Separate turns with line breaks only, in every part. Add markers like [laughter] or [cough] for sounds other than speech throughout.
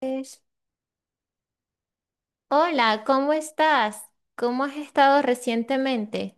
Es- Hola, ¿cómo estás? ¿Cómo has estado recientemente?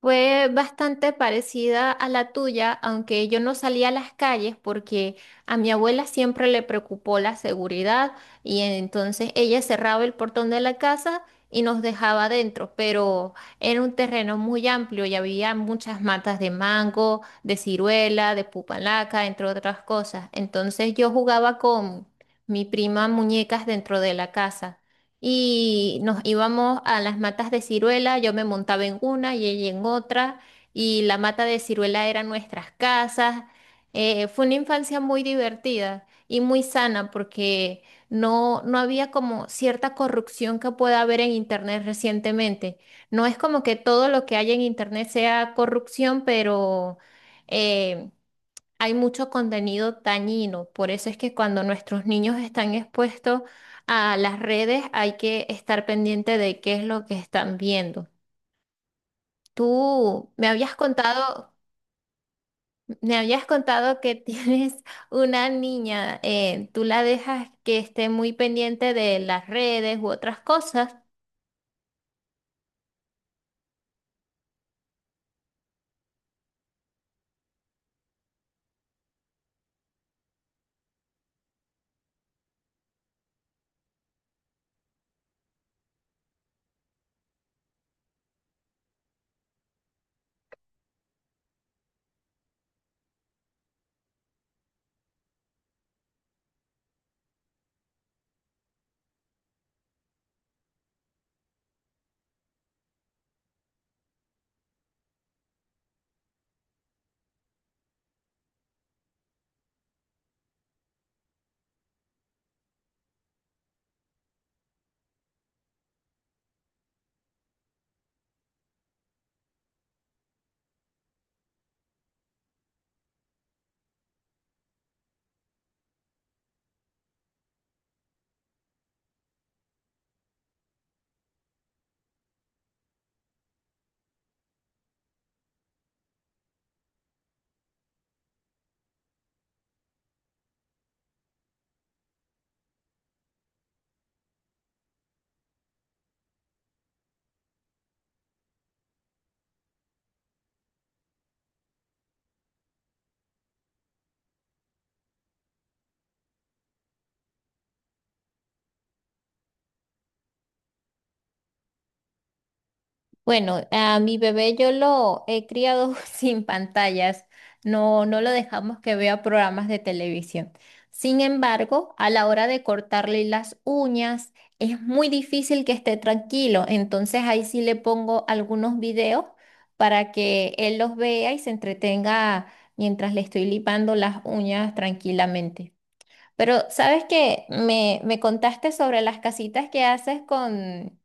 Fue bastante parecida a la tuya, aunque yo no salía a las calles porque a mi abuela siempre le preocupó la seguridad y entonces ella cerraba el portón de la casa y nos dejaba adentro, pero era un terreno muy amplio y había muchas matas de mango, de ciruela, de pupalaca, entre otras cosas. Entonces yo jugaba con mi prima muñecas dentro de la casa y nos íbamos a las matas de ciruela, yo me montaba en una y ella en otra, y la mata de ciruela eran nuestras casas. Fue una infancia muy divertida y muy sana porque no había como cierta corrupción que pueda haber en Internet recientemente. No es como que todo lo que hay en Internet sea corrupción, pero eh, hay mucho contenido dañino. Por eso es que cuando nuestros niños están expuestos a las redes, hay que estar pendiente de qué es lo que están viendo. Tú me habías contado, Me habías contado que [laughs] tienes una niña, ¿tú la dejas que esté muy pendiente de las redes u otras cosas? Bueno, a mi bebé yo lo he criado [laughs] sin pantallas, no lo dejamos que vea programas de televisión. Sin embargo, a la hora de cortarle las uñas, es muy difícil que esté tranquilo. Entonces ahí sí le pongo algunos videos para que él los vea y se entretenga mientras le estoy lipando las uñas tranquilamente. Pero, ¿sabes qué? Me contaste sobre las casitas que haces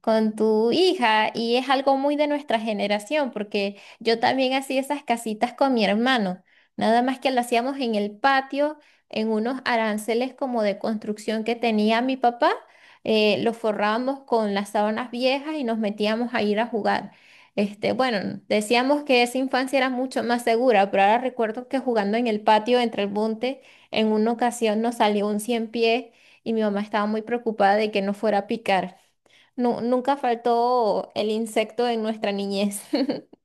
con tu hija y es algo muy de nuestra generación, porque yo también hacía esas casitas con mi hermano, nada más que lo hacíamos en el patio, en unos aranceles como de construcción que tenía mi papá, los forrábamos con las sábanas viejas y nos metíamos a ir a jugar. Este, bueno, decíamos que esa infancia era mucho más segura, pero ahora recuerdo que jugando en el patio entre el monte, en una ocasión nos salió un cien pies y mi mamá estaba muy preocupada de que no fuera a picar. Nunca faltó el insecto en nuestra niñez. [laughs]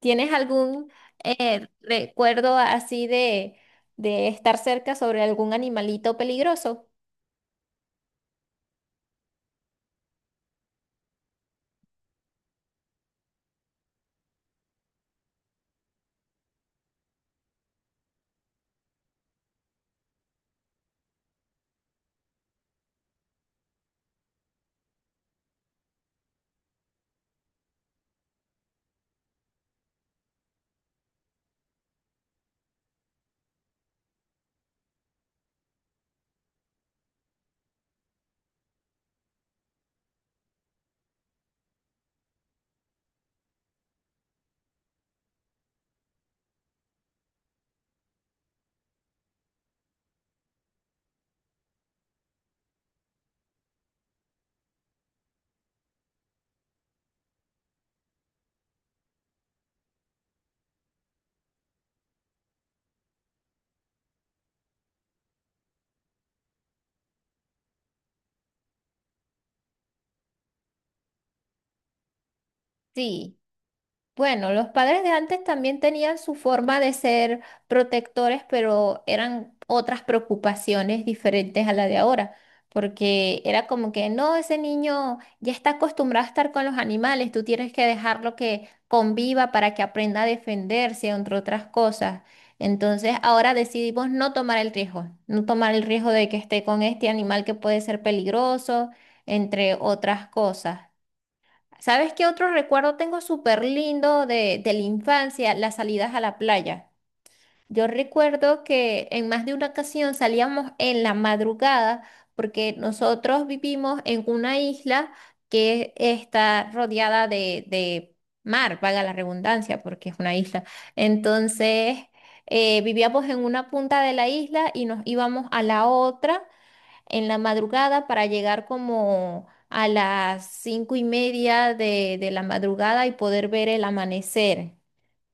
¿Tienes algún recuerdo así de estar cerca sobre algún animalito peligroso? Sí. Bueno, los padres de antes también tenían su forma de ser protectores, pero eran otras preocupaciones diferentes a la de ahora, porque era como que, no, ese niño ya está acostumbrado a estar con los animales, tú tienes que dejarlo que conviva para que aprenda a defenderse, entre otras cosas. Entonces, ahora decidimos no tomar el riesgo, no tomar el riesgo de que esté con este animal que puede ser peligroso, entre otras cosas. ¿Sabes qué otro recuerdo tengo súper lindo de la infancia? Las salidas a la playa. Yo recuerdo que en más de una ocasión salíamos en la madrugada porque nosotros vivimos en una isla que está rodeada de mar, valga la redundancia, porque es una isla. Entonces, vivíamos en una punta de la isla y nos íbamos a la otra en la madrugada para llegar como a las 5:30 de la madrugada y poder ver el amanecer.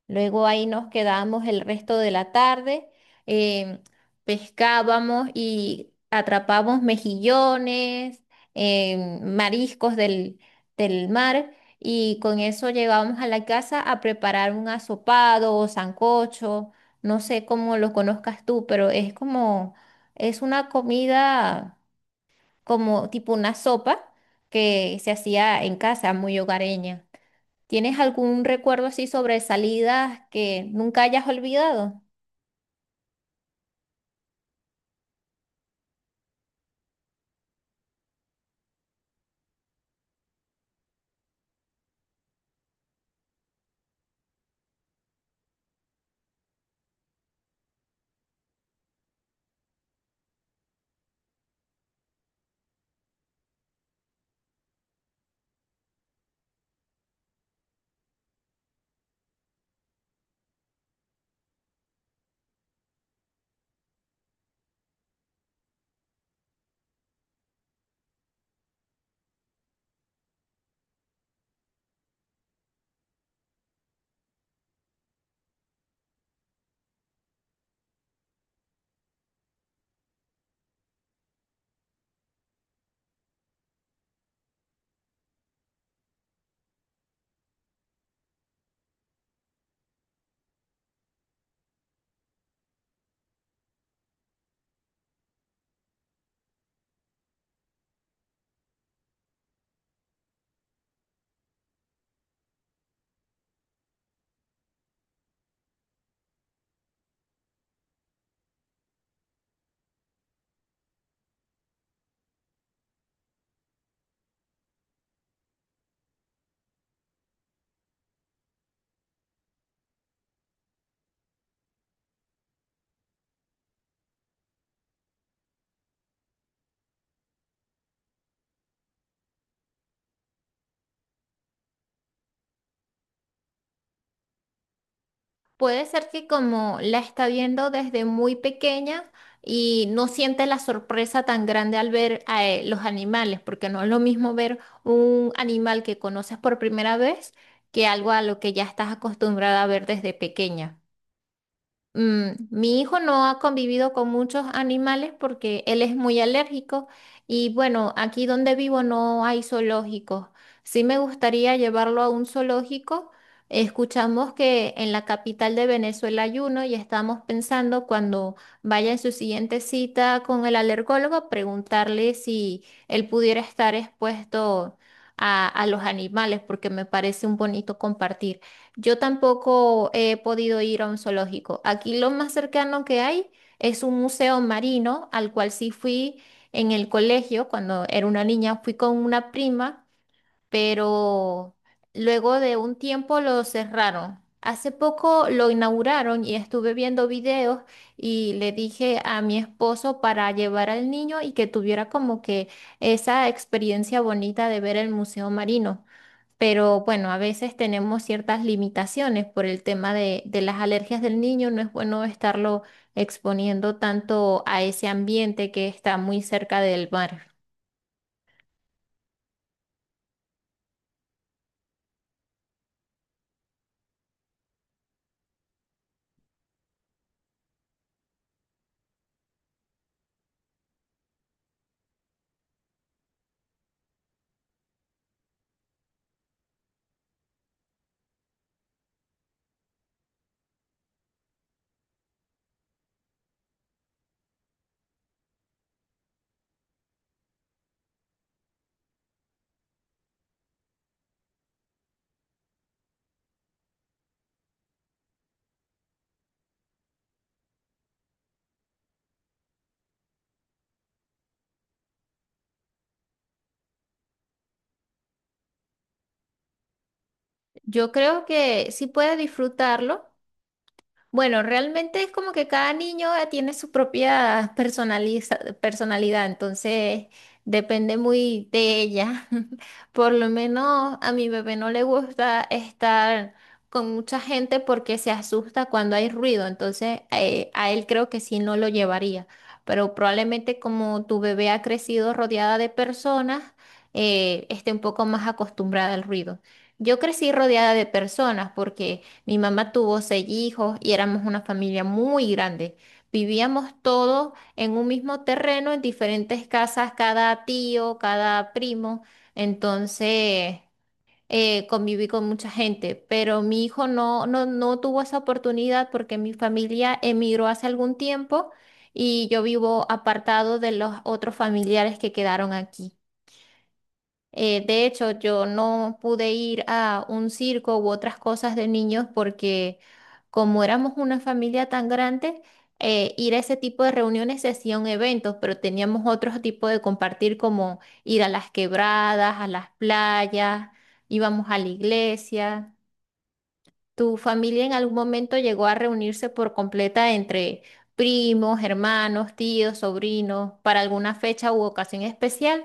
Luego ahí nos quedábamos el resto de la tarde, eh, pescábamos y atrapábamos mejillones, mariscos del mar. Y con eso llegábamos a la casa a preparar un asopado o sancocho, no sé cómo lo conozcas tú, pero es como, es una comida como tipo una sopa que se hacía en casa, muy hogareña. ¿Tienes algún recuerdo así sobre salidas que nunca hayas olvidado? Puede ser que como la está viendo desde muy pequeña y no siente la sorpresa tan grande al ver a los animales, porque no es lo mismo ver un animal que conoces por primera vez que algo a lo que ya estás acostumbrada a ver desde pequeña. Mi hijo no ha convivido con muchos animales porque él es muy alérgico y bueno, aquí donde vivo no hay zoológicos. Sí me gustaría llevarlo a un zoológico. Escuchamos que en la capital de Venezuela hay uno y estamos pensando cuando vaya en su siguiente cita con el alergólogo preguntarle si él pudiera estar expuesto a los animales porque me parece un bonito compartir. Yo tampoco he podido ir a un zoológico. Aquí lo más cercano que hay es un museo marino al cual sí fui en el colegio cuando era una niña, fui con una prima, pero luego de un tiempo lo cerraron. Hace poco lo inauguraron y estuve viendo videos y le dije a mi esposo para llevar al niño y que tuviera como que esa experiencia bonita de ver el museo marino. Pero bueno, a veces tenemos ciertas limitaciones por el tema de las alergias del niño. No es bueno estarlo exponiendo tanto a ese ambiente que está muy cerca del mar. Yo creo que sí puede disfrutarlo. Bueno, realmente es como que cada niño tiene su propia personalidad, entonces depende muy de ella. [laughs] Por lo menos a mi bebé no le gusta estar con mucha gente porque se asusta cuando hay ruido, entonces a él creo que sí no lo llevaría, pero probablemente como tu bebé ha crecido rodeada de personas, esté un poco más acostumbrada al ruido. Yo crecí rodeada de personas porque mi mamá tuvo seis hijos y éramos una familia muy grande. Vivíamos todos en un mismo terreno, en diferentes casas, cada tío, cada primo. Entonces, conviví con mucha gente, pero mi hijo no tuvo esa oportunidad porque mi familia emigró hace algún tiempo y yo vivo apartado de los otros familiares que quedaron aquí. De hecho, yo no pude ir a un circo u otras cosas de niños porque como éramos una familia tan grande, ir a ese tipo de reuniones se hacían eventos, pero teníamos otro tipo de compartir como ir a las quebradas, a las playas, íbamos a la iglesia. ¿Tu familia en algún momento llegó a reunirse por completa entre primos, hermanos, tíos, sobrinos, para alguna fecha u ocasión especial?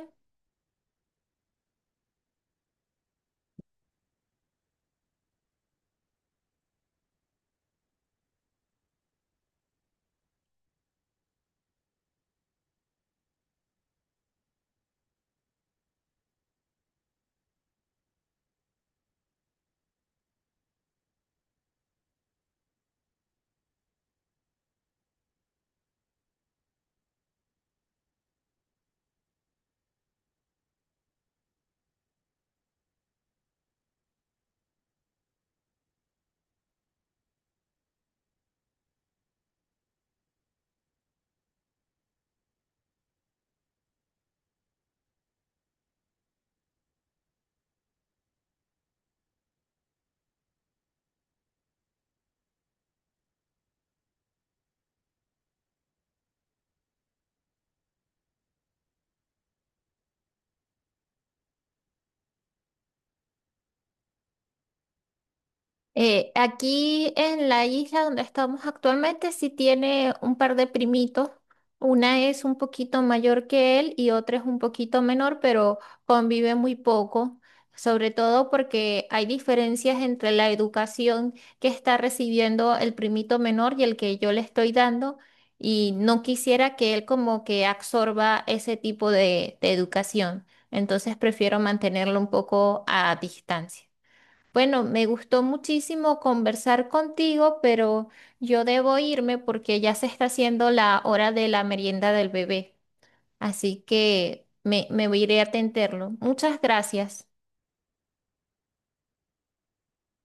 Aquí en la isla donde estamos actualmente sí tiene un par de primitos. Una es un poquito mayor que él y otra es un poquito menor, pero convive muy poco, sobre todo porque hay diferencias entre la educación que está recibiendo el primito menor y el que yo le estoy dando. Y no quisiera que él como que absorba ese tipo de educación. Entonces prefiero mantenerlo un poco a distancia. Bueno, me gustó muchísimo conversar contigo, pero yo debo irme porque ya se está haciendo la hora de la merienda del bebé. Así que me iré a atenderlo. Muchas gracias.